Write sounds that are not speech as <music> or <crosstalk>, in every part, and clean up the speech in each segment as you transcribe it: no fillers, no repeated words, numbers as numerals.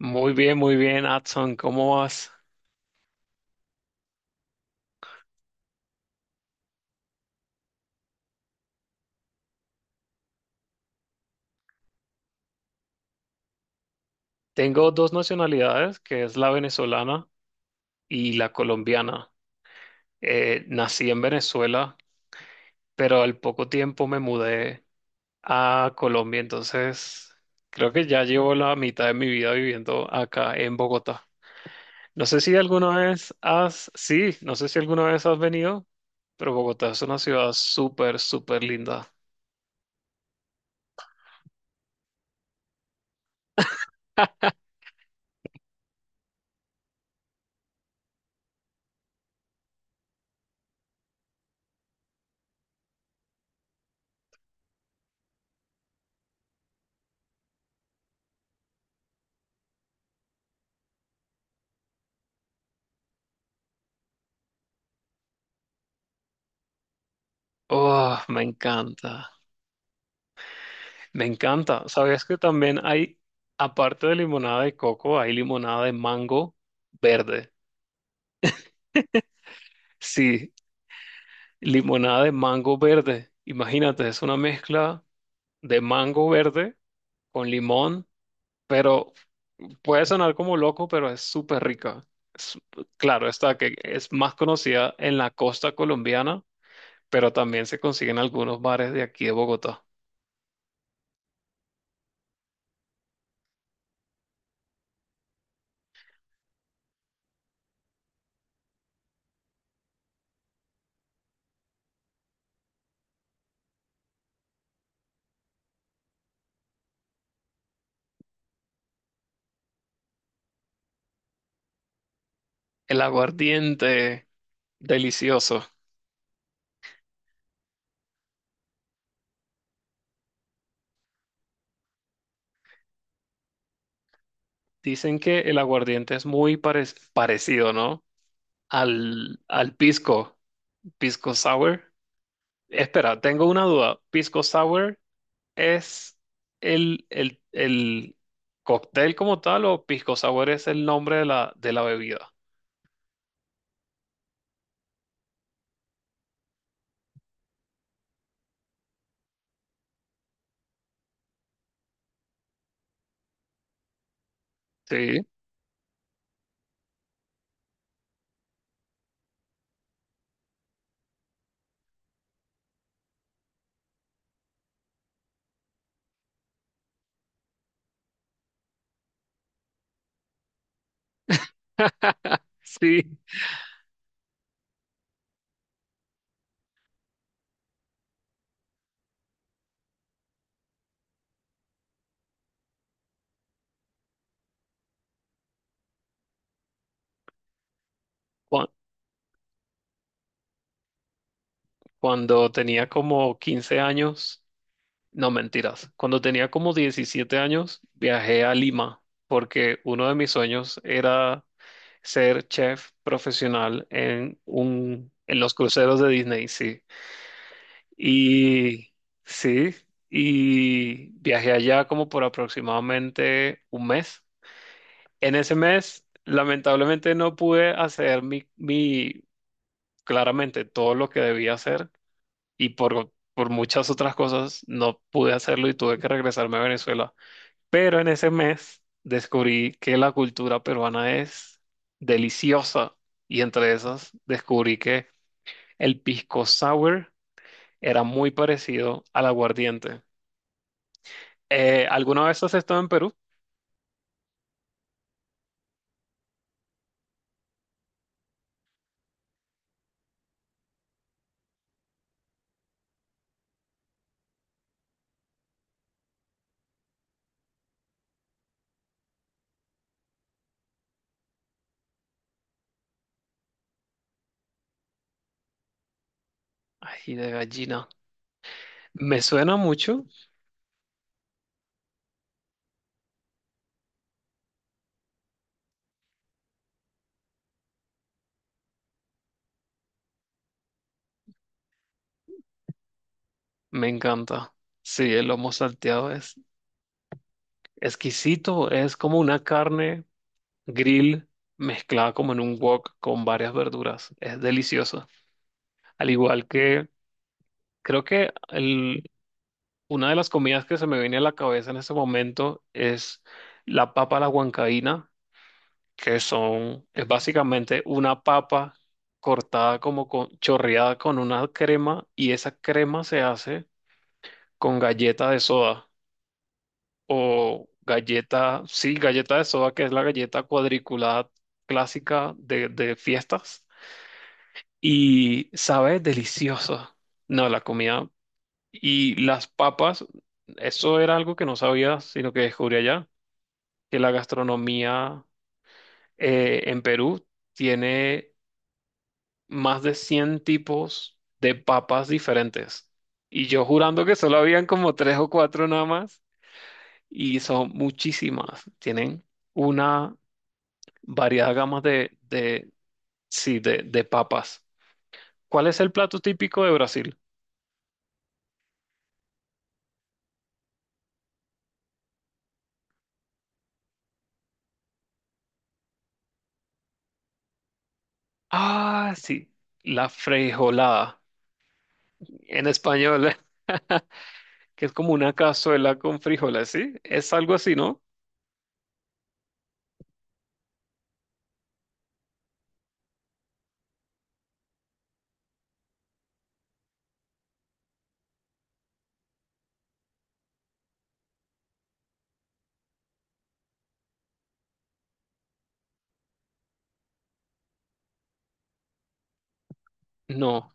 Muy bien, Adson, ¿cómo vas? Tengo dos nacionalidades, que es la venezolana y la colombiana. Nací en Venezuela, pero al poco tiempo me mudé a Colombia, entonces creo que ya llevo la mitad de mi vida viviendo acá en Bogotá. No sé si alguna vez has, sí, no sé si alguna vez has venido, pero Bogotá es una ciudad súper, súper linda. Oh, me encanta. Me encanta. ¿Sabes que también hay, aparte de limonada de coco, hay limonada de mango verde? Sí, limonada de mango verde. Imagínate, es una mezcla de mango verde con limón, pero puede sonar como loco, pero es súper rica. Es- claro, está que es más conocida en la costa colombiana, pero también se consigue en algunos bares de aquí de Bogotá. El aguardiente, delicioso. Dicen que el aguardiente es muy parecido, ¿no? Al pisco, pisco sour. Espera, tengo una duda. ¿Pisco sour es el cóctel como tal o pisco sour es el nombre de la bebida? Sí, sí. Cu- Cuando tenía como 15 años, no mentiras, cuando tenía como 17 años, viajé a Lima porque uno de mis sueños era ser chef profesional en un, en los cruceros de Disney, sí. Y sí, y viajé allá como por aproximadamente un mes. En ese mes, lamentablemente no pude hacer claramente todo lo que debía hacer y por muchas otras cosas no pude hacerlo y tuve que regresarme a Venezuela. Pero en ese mes descubrí que la cultura peruana es deliciosa y entre esas descubrí que el pisco sour era muy parecido al aguardiente. ¿alguna vez has estado en Perú? Ay, de gallina. Me suena mucho, me encanta. Sí, el lomo salteado es exquisito, es como una carne grill mezclada como en un wok con varias verduras. Es delicioso. Al igual que creo que el una de las comidas que se me viene a la cabeza en ese momento es la papa a la huancaína, que son, es básicamente una papa cortada como con, chorreada con una crema y esa crema se hace con galleta de soda o galleta, sí, galleta de soda, que es la galleta cuadriculada clásica de fiestas y sabe deliciosa. No, la comida y las papas, eso era algo que no sabía, sino que descubrí allá, que la gastronomía en Perú tiene más de 100 tipos de papas diferentes. Y yo jurando que solo habían como tres o cuatro nada más, y son muchísimas. Tienen una variada gama sí, de papas. ¿Cuál es el plato típico de Brasil? Ah, sí, la frijolada en español. <laughs> Que es como una cazuela con frijoles, ¿sí? Es algo así, ¿no? No,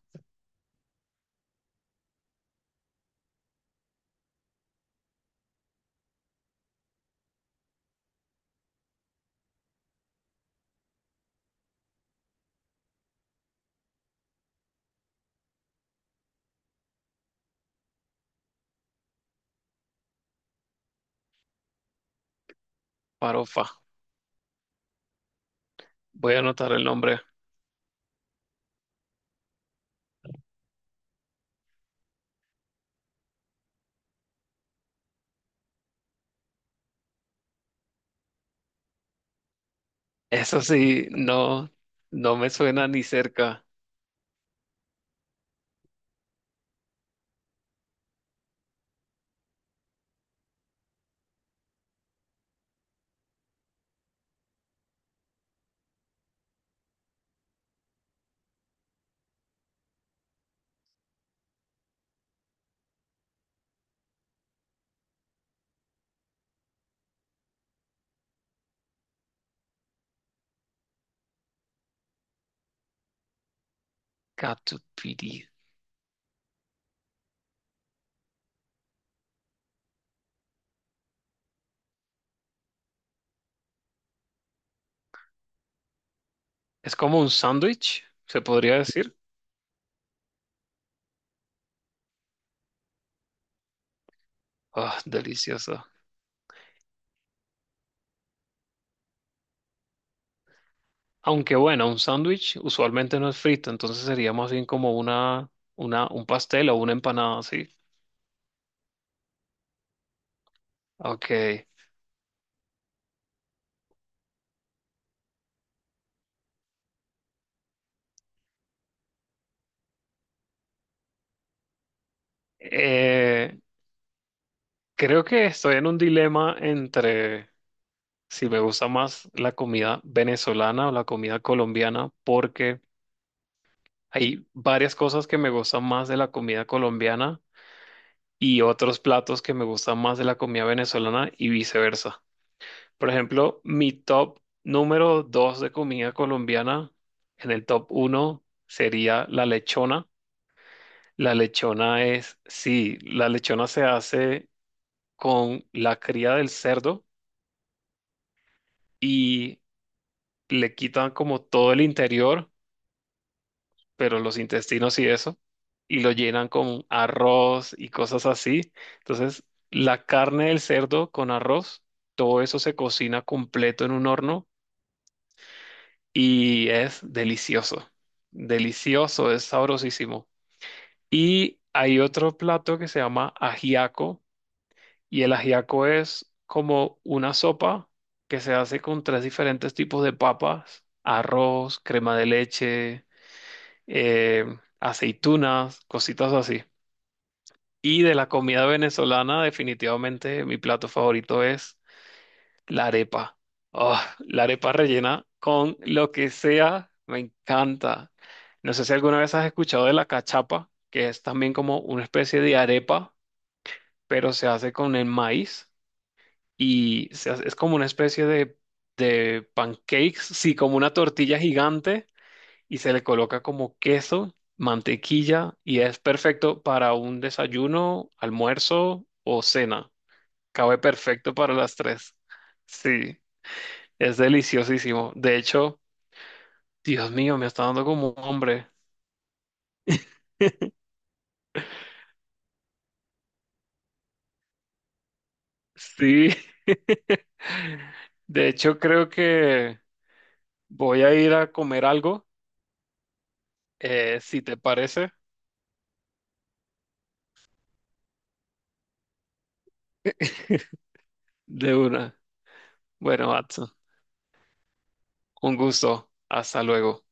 farofa. Voy a anotar el nombre. Eso sí, no, no me suena ni cerca. Catupiry. Es como un sándwich, se podría decir. Ah, delicioso. Aunque bueno, un sándwich usualmente no es frito, entonces sería más bien como un pastel o una empanada, ¿sí? Ok. Eh, Creo que estoy en un dilema entre si me gusta más la comida venezolana o la comida colombiana, porque hay varias cosas que me gustan más de la comida colombiana y otros platos que me gustan más de la comida venezolana y viceversa. Por ejemplo, mi top número dos de comida colombiana, en el top uno sería la lechona. La lechona es, sí, la lechona se hace con la cría del cerdo y le quitan como todo el interior, pero los intestinos y eso, y lo llenan con arroz y cosas así. Entonces, la carne del cerdo con arroz, todo eso se cocina completo en un horno y es delicioso. Delicioso, es sabrosísimo. Y hay otro plato que se llama ajiaco, y el ajiaco es como una sopa que se hace con tres diferentes tipos de papas, arroz, crema de leche, eh, aceitunas, cositas así. Y de la comida venezolana, definitivamente mi plato favorito es la arepa. Ah, la arepa rellena con lo que sea, me encanta. No sé si alguna vez has escuchado de la cachapa, que es también como una especie de arepa, pero se hace con el maíz y se hace- es como una especie de pancakes, sí, como una tortilla gigante y se le coloca como queso, mantequilla y es perfecto para un desayuno, almuerzo o cena. Cabe perfecto para las tres. Sí, es deliciosísimo. De hecho, Dios mío, me está dando como un hombre. <laughs> Sí. <laughs> De hecho, creo que voy a ir a comer algo, si te parece, <laughs> de una. Bueno, Watson, un gusto. Hasta luego.